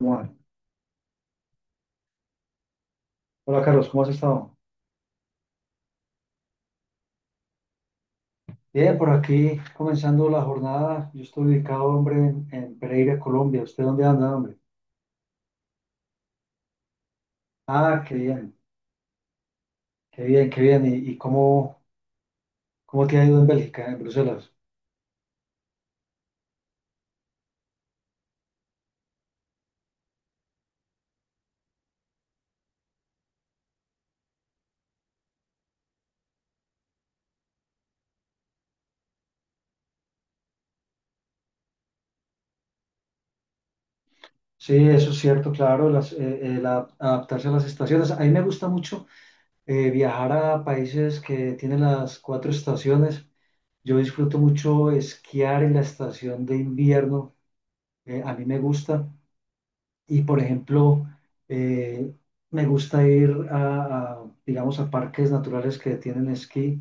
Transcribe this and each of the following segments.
Omar. Hola Carlos, ¿cómo has estado? Bien, por aquí comenzando la jornada. Yo estoy ubicado, hombre, en Pereira, Colombia. ¿Usted dónde anda, hombre? Ah, qué bien, qué bien, qué bien. ¿Y cómo te ha ido en Bélgica, en Bruselas? Sí, eso es cierto, claro, adaptarse a las estaciones. A mí me gusta mucho viajar a países que tienen las cuatro estaciones. Yo disfruto mucho esquiar en la estación de invierno. A mí me gusta. Y por ejemplo, eh, me gusta ir digamos, a parques naturales que tienen esquí.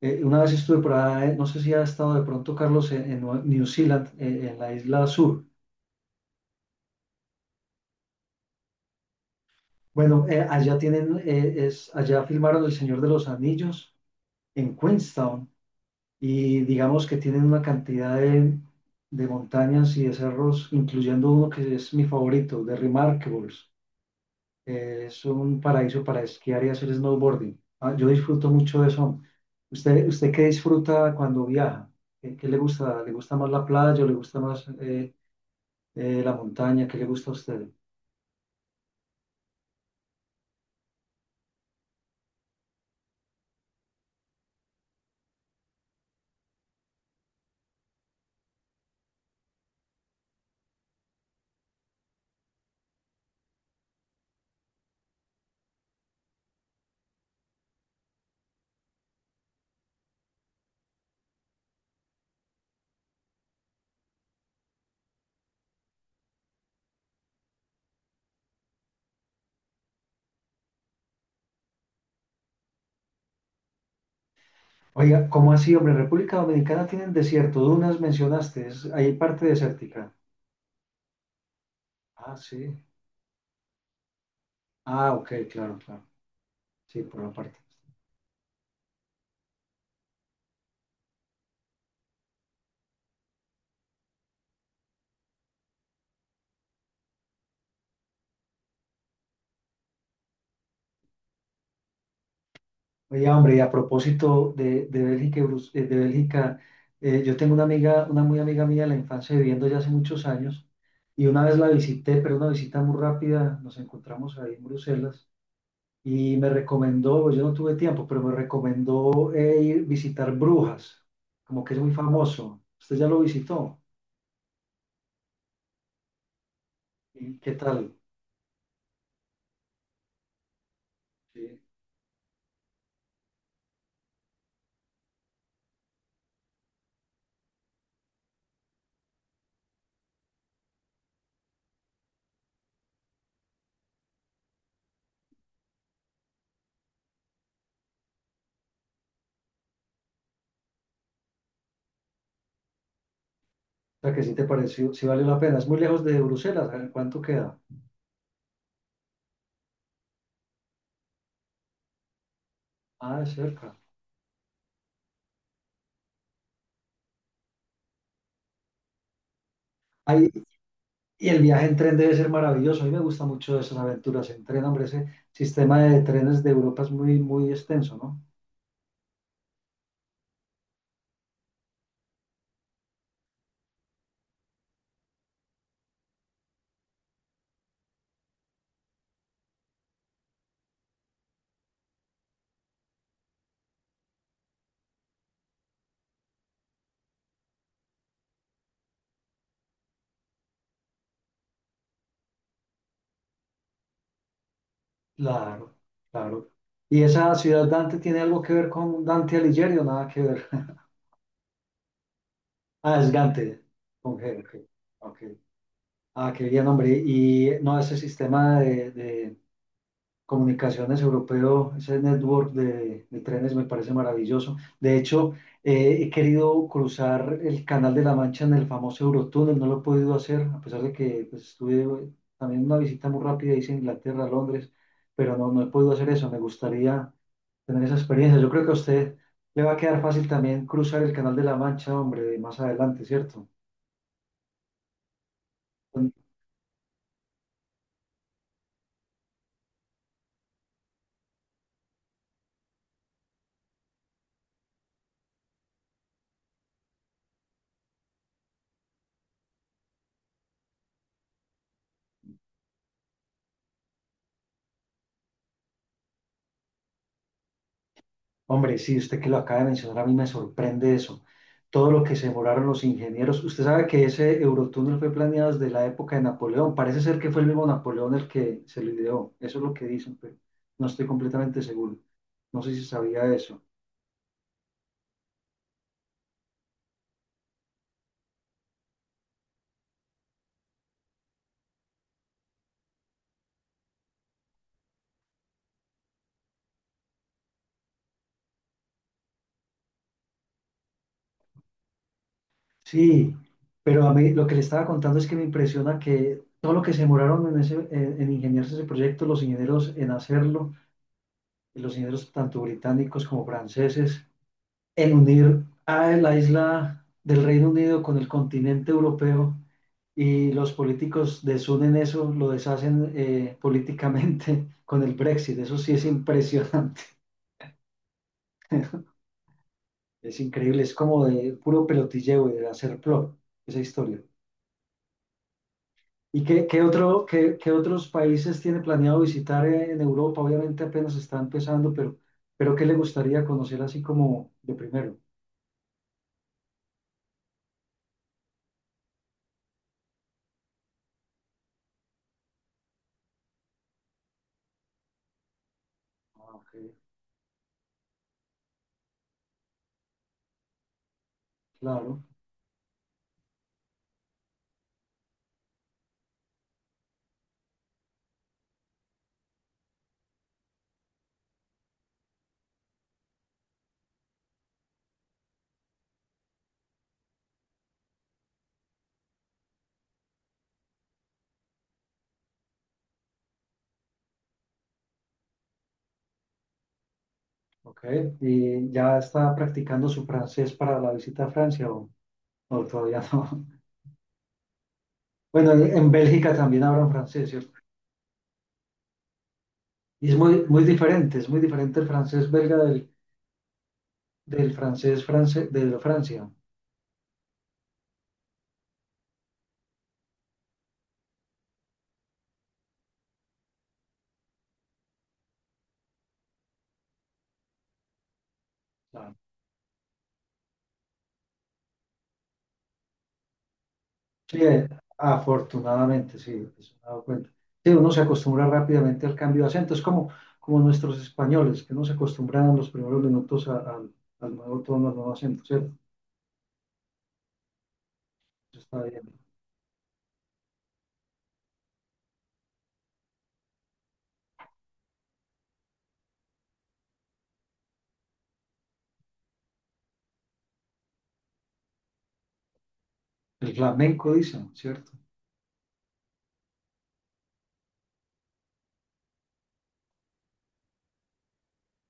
Una vez estuve por ahí, no sé si ha estado de pronto, Carlos, en New Zealand, en la isla sur. Bueno, allá filmaron El Señor de los Anillos en Queenstown y digamos que tienen una cantidad de montañas y de cerros, incluyendo uno que es mi favorito, de Remarkables. Es un paraíso para esquiar y hacer snowboarding. Ah, yo disfruto mucho de eso. ¿Usted qué disfruta cuando viaja? ¿Qué le gusta? ¿Le gusta más la playa o le gusta más la montaña? ¿Qué le gusta a usted? Oiga, ¿cómo así, hombre? República Dominicana tienen desierto, dunas mencionaste, es, hay parte desértica. Ah, sí. Ah, ok, claro, claro. Sí, por la parte. Oye, hombre, y a propósito de Bélgica, yo tengo una amiga, una muy amiga mía de la infancia viviendo ya hace muchos años, y una vez la visité, pero una visita muy rápida, nos encontramos ahí en Bruselas, y me recomendó, pues, yo no tuve tiempo, pero me recomendó ir visitar Brujas, como que es muy famoso. ¿Usted ya lo visitó? ¿Y qué tal? Sí. O sea, que sí te pareció, sí vale la pena. Es muy lejos de Bruselas, a ver, ¿cuánto queda? Ah, es cerca. Y el viaje en tren debe ser maravilloso. A mí me gusta mucho esas aventuras en tren, hombre. Ese sistema de trenes de Europa es muy, muy extenso, ¿no? Claro, claro. ¿Y esa ciudad Dante tiene algo que ver con Dante Alighieri o nada que ver? Ah, es Dante con G, ok. Ok. Ah, qué bien, hombre. Y no, ese sistema de Comunicaciones Europeo, ese network de trenes me parece maravilloso. De hecho, he querido cruzar el Canal de la Mancha en el famoso Eurotúnel, no lo he podido hacer, a pesar de que pues, estuve también una visita muy rápida, hice Inglaterra, Londres, pero no he podido hacer eso. Me gustaría tener esa experiencia. Yo creo que a usted le va a quedar fácil también cruzar el Canal de la Mancha, hombre, más adelante, ¿cierto? Hombre, sí, usted que lo acaba de mencionar, a mí me sorprende eso. Todo lo que se demoraron los ingenieros. Usted sabe que ese Eurotúnel fue planeado desde la época de Napoleón. Parece ser que fue el mismo Napoleón el que se lo ideó. Eso es lo que dicen, pero no estoy completamente seguro. No sé si sabía eso. Sí, pero a mí lo que le estaba contando es que me impresiona que todo lo que se demoraron en ingeniarse ese proyecto, los ingenieros en hacerlo, los ingenieros tanto británicos como franceses, en unir a la isla del Reino Unido con el continente europeo y los políticos desunen eso, lo deshacen políticamente con el Brexit. Eso sí es impresionante, es increíble, es como de puro pelotilleo y de hacer plot esa historia. ¿Y qué, qué otros países tiene planeado visitar en Europa? Obviamente apenas está empezando, pero ¿qué le gustaría conocer así como de primero? Ah, ok. Claro. Ok, ¿y ya está practicando su francés para la visita a Francia o todavía no? Bueno, en Bélgica también hablan francés, ¿cierto? Y es muy, muy diferente, es muy diferente el francés belga del francés france, de Francia. Claro. Sí, afortunadamente, sí, eso me he dado cuenta. Sí, uno se acostumbra rápidamente al cambio de acento, es como, como nuestros españoles, que no se acostumbran en los primeros minutos al nuevo tono, al nuevo acento, ¿cierto? Eso está bien. El flamenco, dicen, ¿cierto?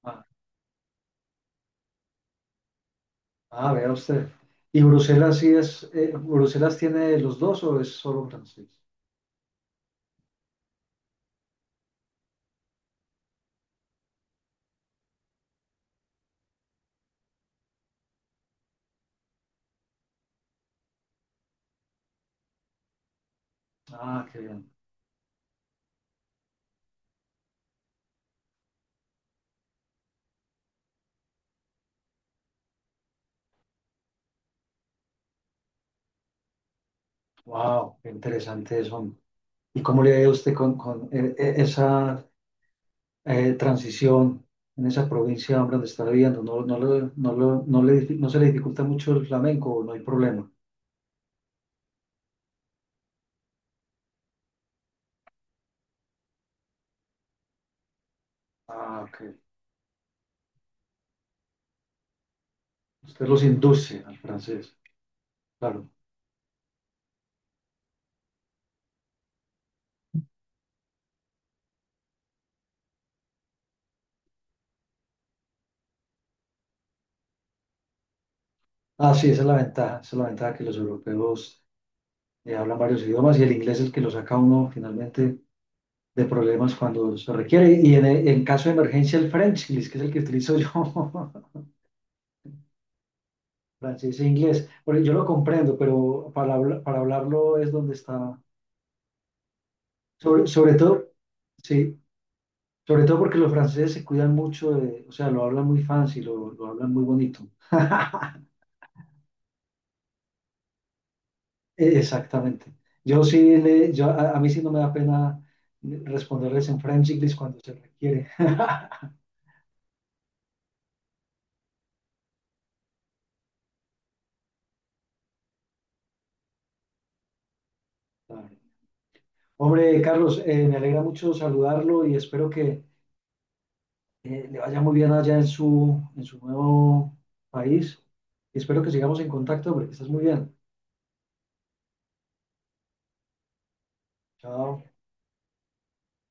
Ah, ah, vea usted. ¿Y Bruselas sí es, Bruselas tiene los dos o es solo francés? Ah, qué bien. Wow, qué interesante eso. ¿Y cómo le ha ido a usted con esa transición en esa provincia hombre, donde está viviendo? ¿ No se le dificulta mucho el flamenco o no hay problema? Ah, ok. Usted los induce al francés, claro. Ah, sí, esa es la ventaja, esa es la ventaja que los europeos hablan varios idiomas y el inglés es el que lo saca a uno finalmente de problemas cuando se requiere. Y en caso de emergencia, el Frenchlis, que es el que utilizo yo, francés e inglés. Bueno, yo lo comprendo, pero para hablarlo es donde está. Sobre, sobre todo, sí, sobre todo porque los franceses se cuidan mucho, de- o sea, lo hablan muy fancy, lo hablan muy bonito. E- exactamente. Yo sí, a mí sí no me da pena responderles en Frenchlis cuando se requiere. Hombre, Carlos, me alegra mucho saludarlo y espero que le vaya muy bien allá en su nuevo país. Y espero que sigamos en contacto, porque estás muy bien. Chao.